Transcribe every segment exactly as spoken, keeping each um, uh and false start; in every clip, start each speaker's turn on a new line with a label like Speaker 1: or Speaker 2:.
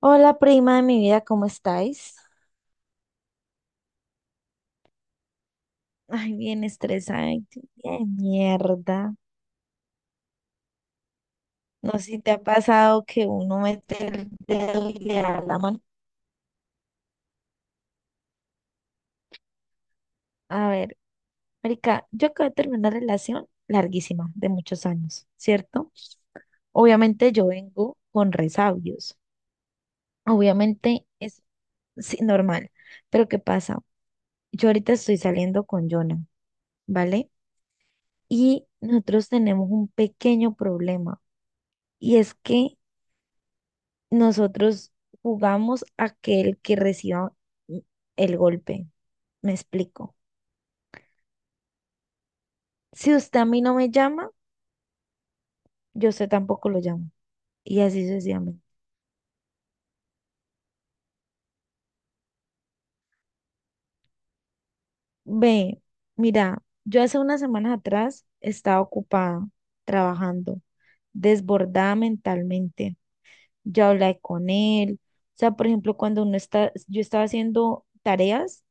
Speaker 1: Hola, prima de mi vida, ¿cómo estáis? Ay, bien estresada, ay, qué de mierda. No sé si te ha pasado que uno mete el dedo y le da la mano. A ver, marica, yo acabo de terminar una relación larguísima, de muchos años, ¿cierto? Obviamente yo vengo con resabios. Obviamente es sí, normal. Pero ¿qué pasa? Yo ahorita estoy saliendo con Jonah, ¿vale? Y nosotros tenemos un pequeño problema. Y es que nosotros jugamos a que el que reciba mm, el golpe. Me explico. Si usted a mí no me llama, yo a usted tampoco lo llamo. Y así sucesivamente. Ve, mira, yo hace unas semanas atrás estaba ocupada trabajando, desbordada mentalmente. Yo hablé con él. O sea, por ejemplo, cuando uno está, yo estaba haciendo tareas,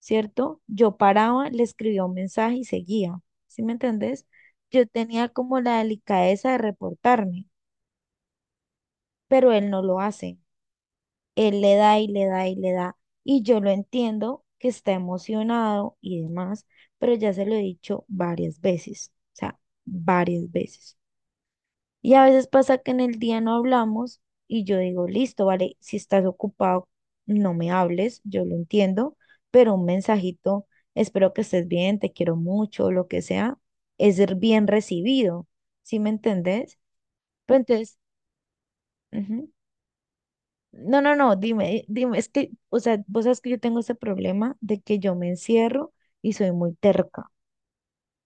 Speaker 1: ¿cierto? Yo paraba, le escribía un mensaje y seguía, ¿sí me entendés? Yo tenía como la delicadeza de reportarme, pero él no lo hace. Él le da y le da y le da. Y yo lo entiendo que está emocionado y demás, pero ya se lo he dicho varias veces, o sea, varias veces. Y a veces pasa que en el día no hablamos y yo digo, listo, vale, si estás ocupado, no me hables, yo lo entiendo, pero un mensajito, espero que estés bien, te quiero mucho, lo que sea, es ser bien recibido, ¿sí me entendés? Pero entonces, ujú. No, no, no, dime, dime, es que, o sea, vos sabes que yo tengo ese problema de que yo me encierro y soy muy terca.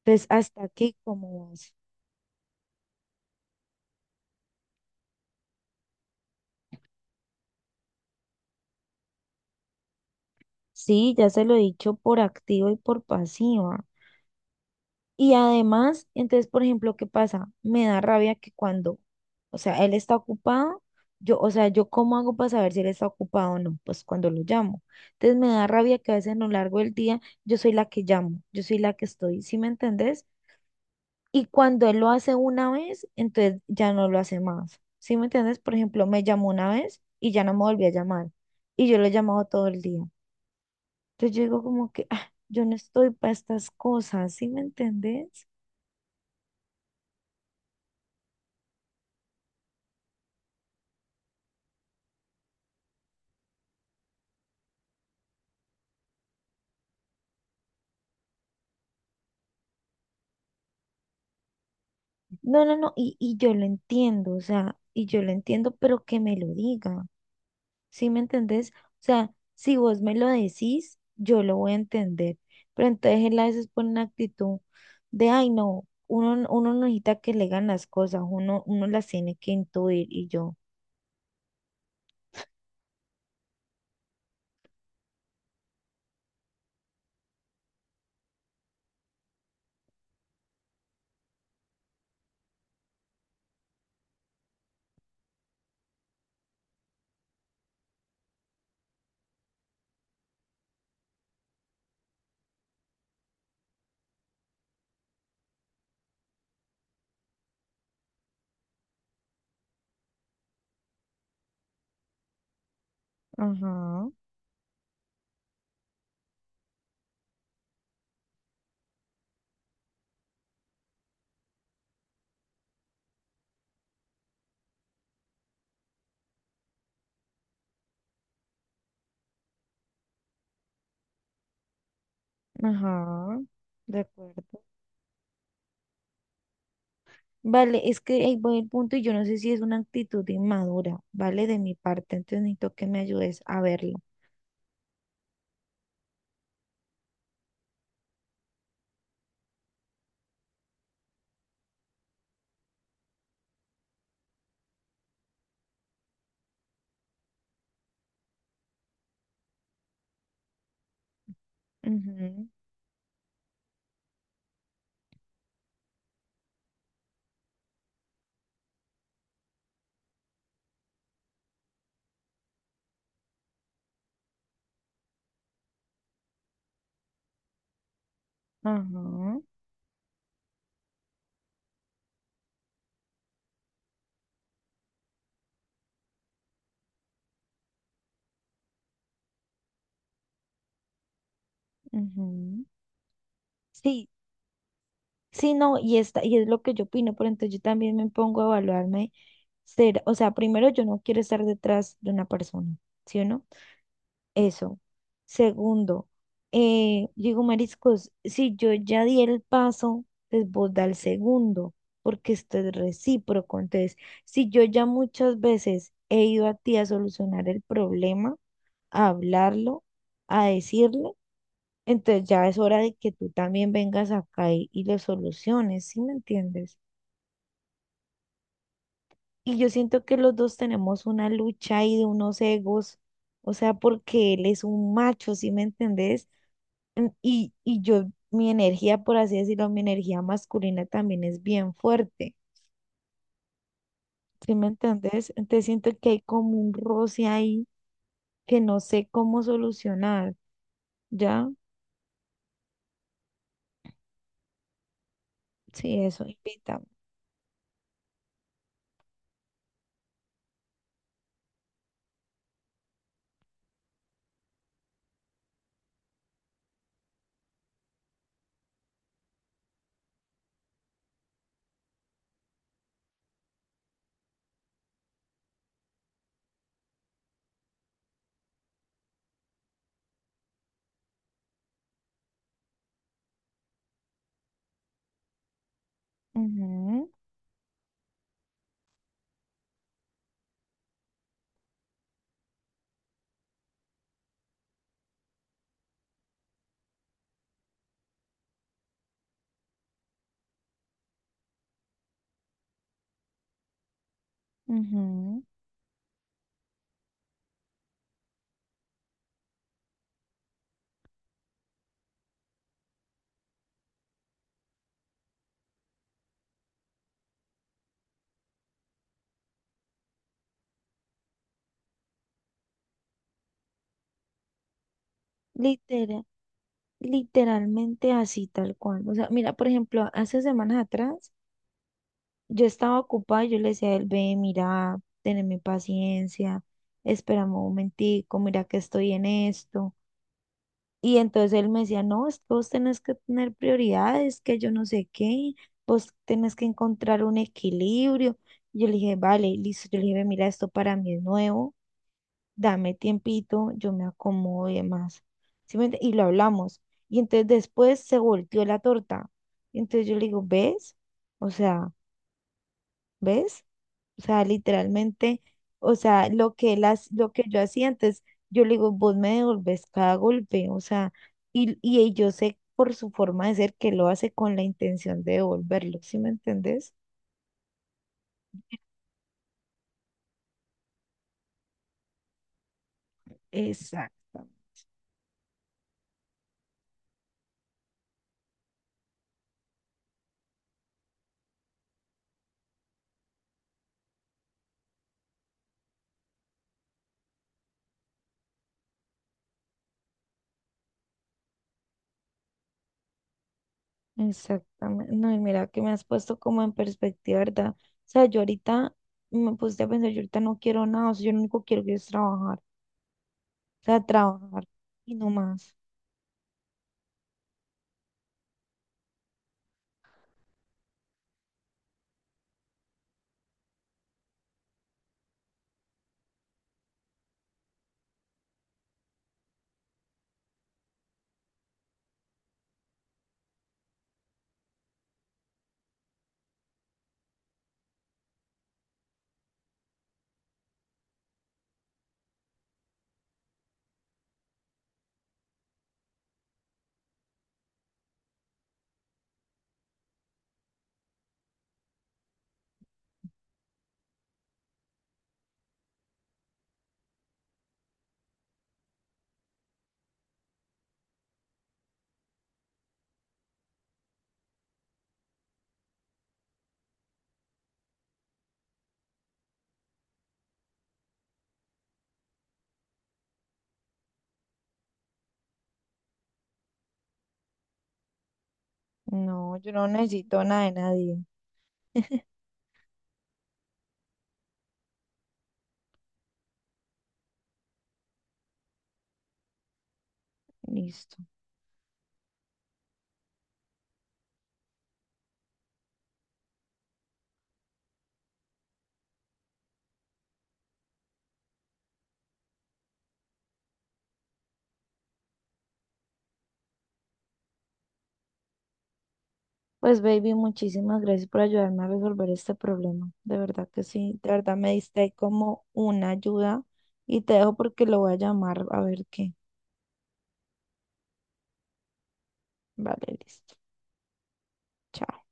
Speaker 1: Entonces, hasta aquí, ¿como vas? Sí, ya se lo he dicho por activa y por pasiva. Y además, entonces, por ejemplo, ¿qué pasa? Me da rabia que cuando, o sea, él está ocupado, yo, o sea, yo cómo hago para saber si él está ocupado o no, pues cuando lo llamo. Entonces me da rabia que a veces a lo largo del día yo soy la que llamo, yo soy la que estoy, ¿sí me entendés? Y cuando él lo hace una vez, entonces ya no lo hace más, ¿sí me entendés? Por ejemplo, me llamó una vez y ya no me volvió a llamar y yo lo he llamado todo el día. Entonces yo digo como que, ah, yo no estoy para estas cosas, ¿sí me entendés? No, no, no, y, y yo lo entiendo, o sea, y yo lo entiendo, pero que me lo diga, ¿sí me entendés? O sea, si vos me lo decís, yo lo voy a entender, pero entonces él a veces pone una actitud de, ay, no, uno, n- uno no necesita que le digan las cosas, uno, uno las tiene que intuir, y yo, ajá, ajá, de acuerdo. Vale, es que ahí voy el punto y yo no sé si es una actitud inmadura, ¿vale? De mi parte, entonces necesito que me ayudes a verlo. Ujú. Ajá. Ujú. Sí, sí, no, y, esta, y es lo que yo opino, pero entonces yo también me pongo a evaluarme ser, o sea, primero yo no quiero estar detrás de una persona, ¿sí o no? Eso. Segundo, eh, yo digo, mariscos, si yo ya di el paso, pues vos da el segundo, porque esto es recíproco. Entonces, si yo ya muchas veces he ido a ti a solucionar el problema, a hablarlo, a decirlo, entonces ya es hora de que tú también vengas acá y, y lo soluciones, ¿sí me entiendes? Y yo siento que los dos tenemos una lucha ahí de unos egos, o sea, porque él es un macho, ¿sí me entendés? En- Y, y yo, mi energía, por así decirlo, mi energía masculina también es bien fuerte, ¿sí me entendés? Entonces siento que hay como un roce ahí que no sé cómo solucionar, ¿ya? Sí, eso, invita. Ujú, ujú. Literal. Literalmente así, tal cual. O sea, mira, por ejemplo, hace semanas atrás yo estaba ocupada y yo le decía a él, ve, mira, teneme paciencia, espérame un momentico, mira que estoy en esto. Y entonces él me decía, no, es que vos tenés que tener prioridades, que yo no sé qué, vos tenés que encontrar un equilibrio. Yo le dije, vale, listo. Yo le dije, "Ve, mira, esto para mí es nuevo, dame tiempito, yo me acomodo y demás. ¿Sí me ent- Y lo hablamos. Y entonces después se volteó la torta. Y entonces yo le digo, ¿ves? O sea, ¿ves? O sea, literalmente, o sea, lo que él hac- lo que yo hacía antes, yo le digo, vos me devolvés cada golpe, o sea, y, y él- yo sé por su forma de ser que lo hace con la intención de devolverlo, ¿sí me entendés? Exacto. Exactamente. No, y mira que me has puesto como en perspectiva, ¿verdad? O sea, yo ahorita me puse a pensar, yo ahorita no quiero nada, o sea, yo lo único que quiero es trabajar, o sea, trabajar y no más. No, yo no necesito nada de nadie. Listo. Pues, baby, muchísimas gracias por ayudarme a resolver este problema. De verdad que sí, de verdad me diste ahí como una ayuda y te dejo porque lo voy a llamar a ver qué. Vale, listo. Chao.